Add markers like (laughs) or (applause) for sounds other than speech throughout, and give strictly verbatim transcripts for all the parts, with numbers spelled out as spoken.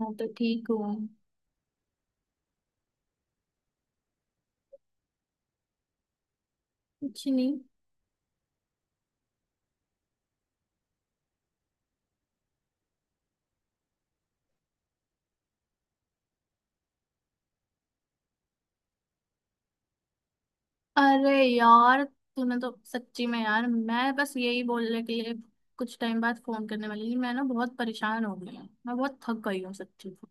मैं तो ठीक हूँ। कुछ नहीं। अरे यार तूने तो सच्ची में, यार मैं बस यही बोलने के लिए कुछ टाइम बाद फोन करने वाली थी। मैं ना बहुत परेशान हो गई हूँ, मैं बहुत थक गई हूँ सच्ची में।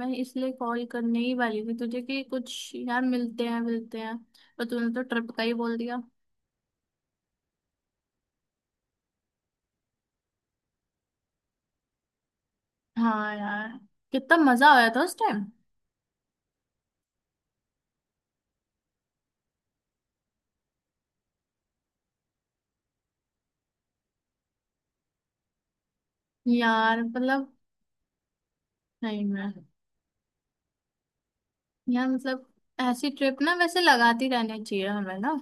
मैं इसलिए कॉल करने ही वाली थी तुझे कि कुछ यार मिलते हैं मिलते हैं। पर तूने तो ट्रिप का ही बोल दिया। हाँ यार, कितना मजा आया था उस टाइम। यार मतलब, नहीं मैं यार मतलब ऐसी ट्रिप ना वैसे लगाती रहनी चाहिए हमें ना।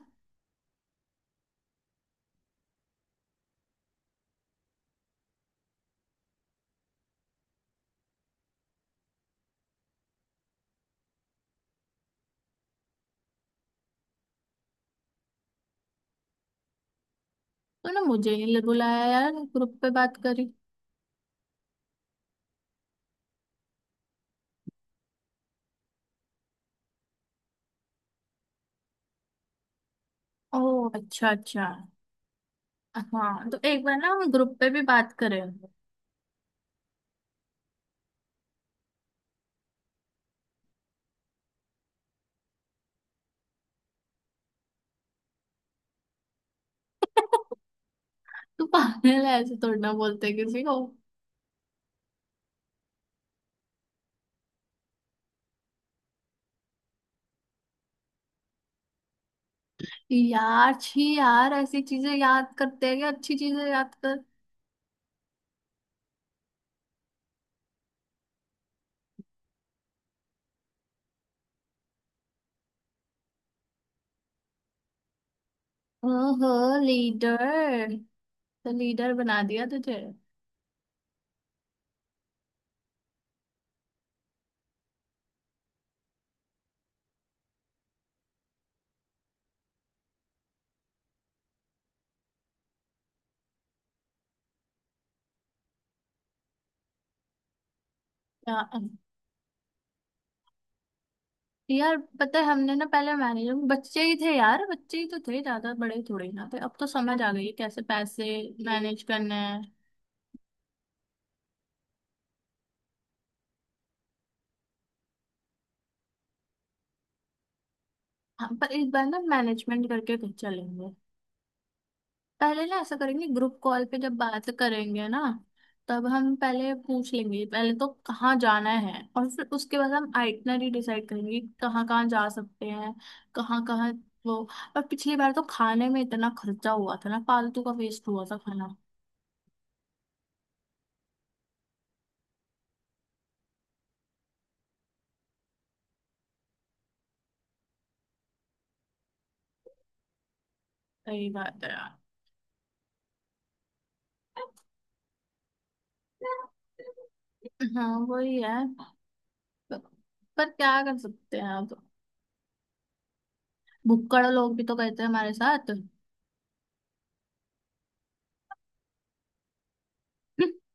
तो ना मुझे नहीं बुलाया यार, ग्रुप पे बात करी। ओ अच्छा अच्छा। हाँ तो एक बार ना हम ग्रुप पे भी बात करें। (laughs) तू पागल है, ऐसे थोड़ी ना बोलते किसी को। यार छी यार, ऐसी चीजें याद करते हैं कि अच्छी चीजें याद कर। ओहो लीडर, तो लीडर बना दिया तुझे। या, यार पता है हमने ना पहले मैनेजर, बच्चे ही थे यार, बच्चे ही तो थे, ज्यादा बड़े थोड़े ना थे। अब तो समझ आ गई है कैसे पैसे मैनेज करने हैं। हाँ, पर इस बार ना मैनेजमेंट करके कुछ चलेंगे। पहले ना ऐसा करेंगे, ग्रुप कॉल पे जब बात करेंगे ना, तब हम पहले पूछ लेंगे पहले तो कहाँ जाना है, और फिर उसके बाद हम आइटनरी डिसाइड करेंगे कि कहाँ कहाँ जा सकते हैं। कहाँ कहाँ वो। और पिछली बार तो खाने में इतना खर्चा हुआ था ना, फालतू का वेस्ट हुआ था खाना। सही बात है यार। हाँ वही है। पर पर क्या कर सकते हैं अब। भुक्कड़ लोग भी तो गए थे हमारे साथ। (laughs)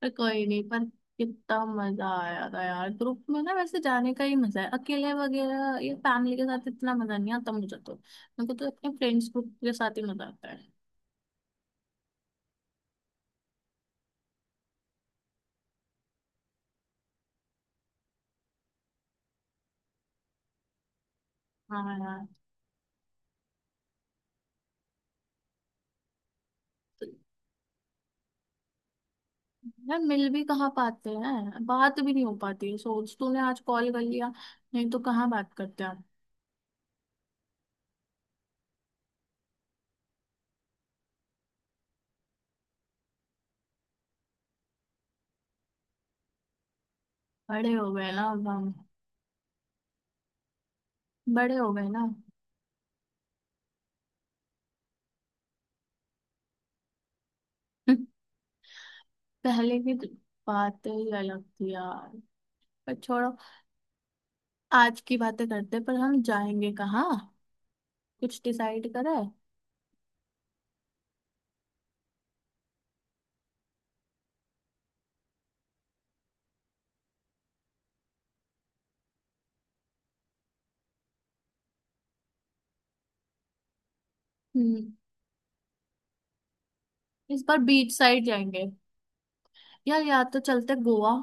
पर कोई नहीं, पर कितना मजा आया था यार, ग्रुप में ना वैसे जाने का ही मजा है। अकेले वगैरह ये फैमिली के साथ इतना मजा नहीं आता मुझे तो, मेरे को तो अपने फ्रेंड्स ग्रुप के साथ ही मजा आता है। हाँ यार। तो यार मिल भी कहाँ पाते हैं, बात भी नहीं हो पाती है। सोच तूने आज कॉल कर लिया, नहीं तो कहाँ बात करते आप। बड़े हो गए ना अब हम, बड़े हो गए ना। (laughs) पहले की तो बातें ही अलग थी यार। पर छोड़ो, आज की बातें करते हैं, पर हम जाएंगे कहाँ? कुछ डिसाइड करा? हम्म, इस बार बीच साइड जाएंगे। या या तो चलते गोवा,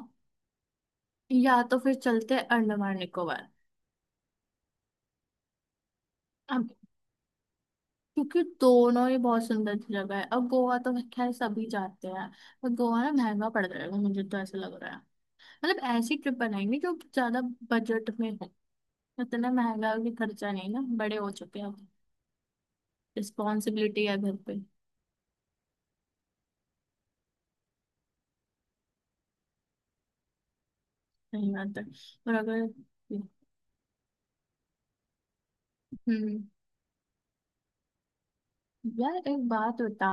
या तो फिर चलते अंडमान निकोबार। अब क्योंकि दोनों ही बहुत सुंदर जगह है, अब गोवा तो खैर सभी जाते हैं, पर गोवा ना महंगा पड़ जाएगा मुझे तो ऐसा लग रहा है। मतलब ऐसी ट्रिप बनाएंगे जो ज्यादा बजट में हो, इतना महंगा भी खर्चा नहीं ना, बड़े हो चुके हैं अब, रिस्पॉन्सिबिलिटी है घर पे। नहीं आता। और अगर, हम्म, यार एक बात बता,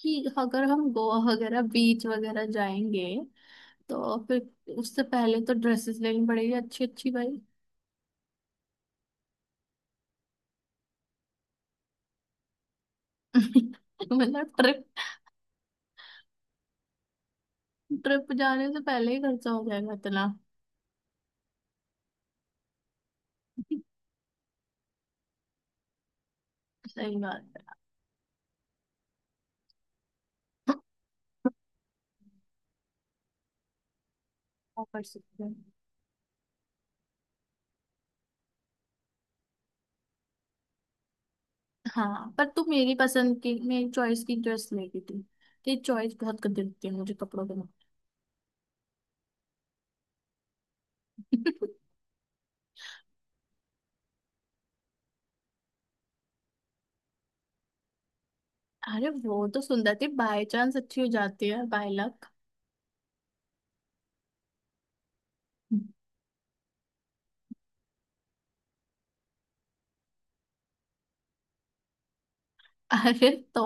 कि अगर हम गोवा वगैरह बीच वगैरह जाएंगे, तो फिर उससे पहले तो ड्रेसेस लेनी पड़ेगी अच्छी अच्छी भाई। (laughs) मतलब ट्रिप, ट्रिप जाने से पहले ही खर्चा हो जाएगा इतना। सही बात है। क्या कर सकते हैं। हाँ पर तू मेरी पसंद की, मेरी चॉइस की ड्रेस लेती थी। तेरी चॉइस बहुत कर देती है मुझे कपड़ों के में। (laughs) अरे वो तो सुंदर थी बाय चांस, अच्छी हो जाती है बाय लक। अरे तो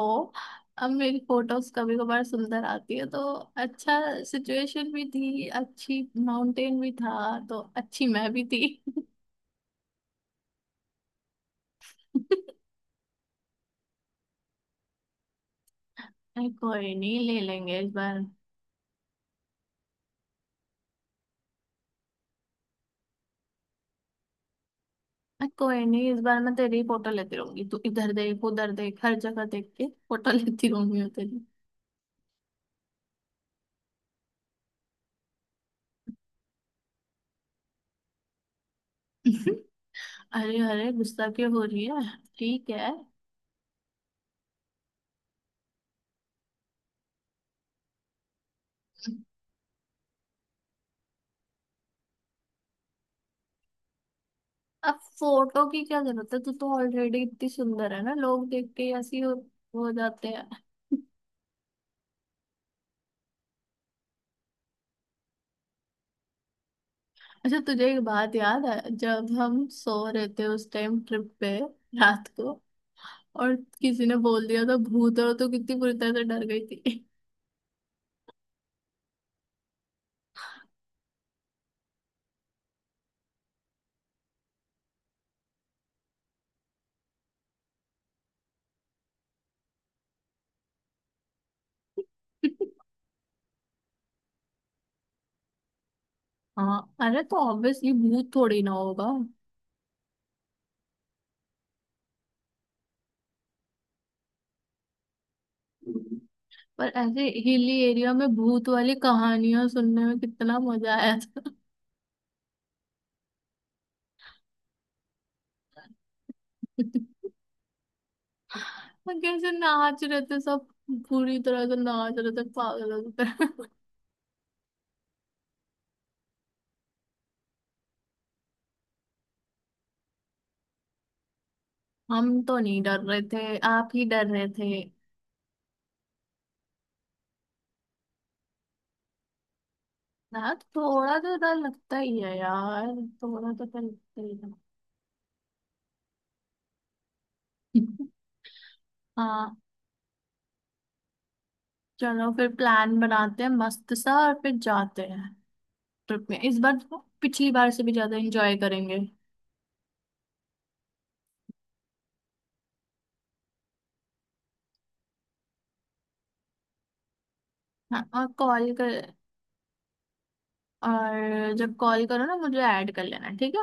अब मेरी फोटोज कभी कभार सुंदर आती है तो। अच्छा, सिचुएशन भी थी अच्छी, माउंटेन भी था, तो अच्छी मैं भी थी। (laughs) अरे कोई नहीं, ले लेंगे इस बार। अरे कोई नहीं, इस बार मैं तेरी फोटो लेती रहूंगी। तू इधर देख, उधर देख, हर जगह देख के फोटो (laughs) लेती रहूंगी मैं तेरी। (laughs) अरे अरे गुस्सा क्यों हो रही है। ठीक है। अब फोटो की क्या जरूरत है, तू तो ऑलरेडी इतनी सुंदर है ना, लोग देख के ऐसे ही हो हो जाते हैं। अच्छा तुझे एक बात याद है, जब हम सो रहे थे उस टाइम ट्रिप पे, रात को, और किसी ने बोल दिया था भूत है, तो कितनी बुरी तरह से डर गई थी। (laughs) हाँ। अरे तो ऑब्वियसली भूत थोड़ी ना होगा। पर ऐसे हिली एरिया में भूत वाली कहानियां सुनने में कितना मजा आया था। (laughs) और कैसे नाच रहे थे सब, पूरी तरह से नाच रहे थे पागलों की तरह। (laughs) हम तो नहीं डर रहे थे, आप ही डर रहे थे। ना थोड़ा तो डर लगता ही है यार, थोड़ा तो डर लगता ही है। हाँ चलो फिर प्लान बनाते हैं मस्त सा, और फिर जाते हैं। ट्रिप में इस बार तो पिछली बार से भी ज्यादा एंजॉय करेंगे। हाँ और कॉल कर, और जब कॉल करो ना मुझे ऐड कर लेना, ठीक है।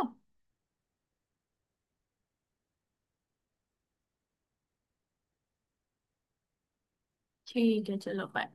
ठीक है चलो बाय।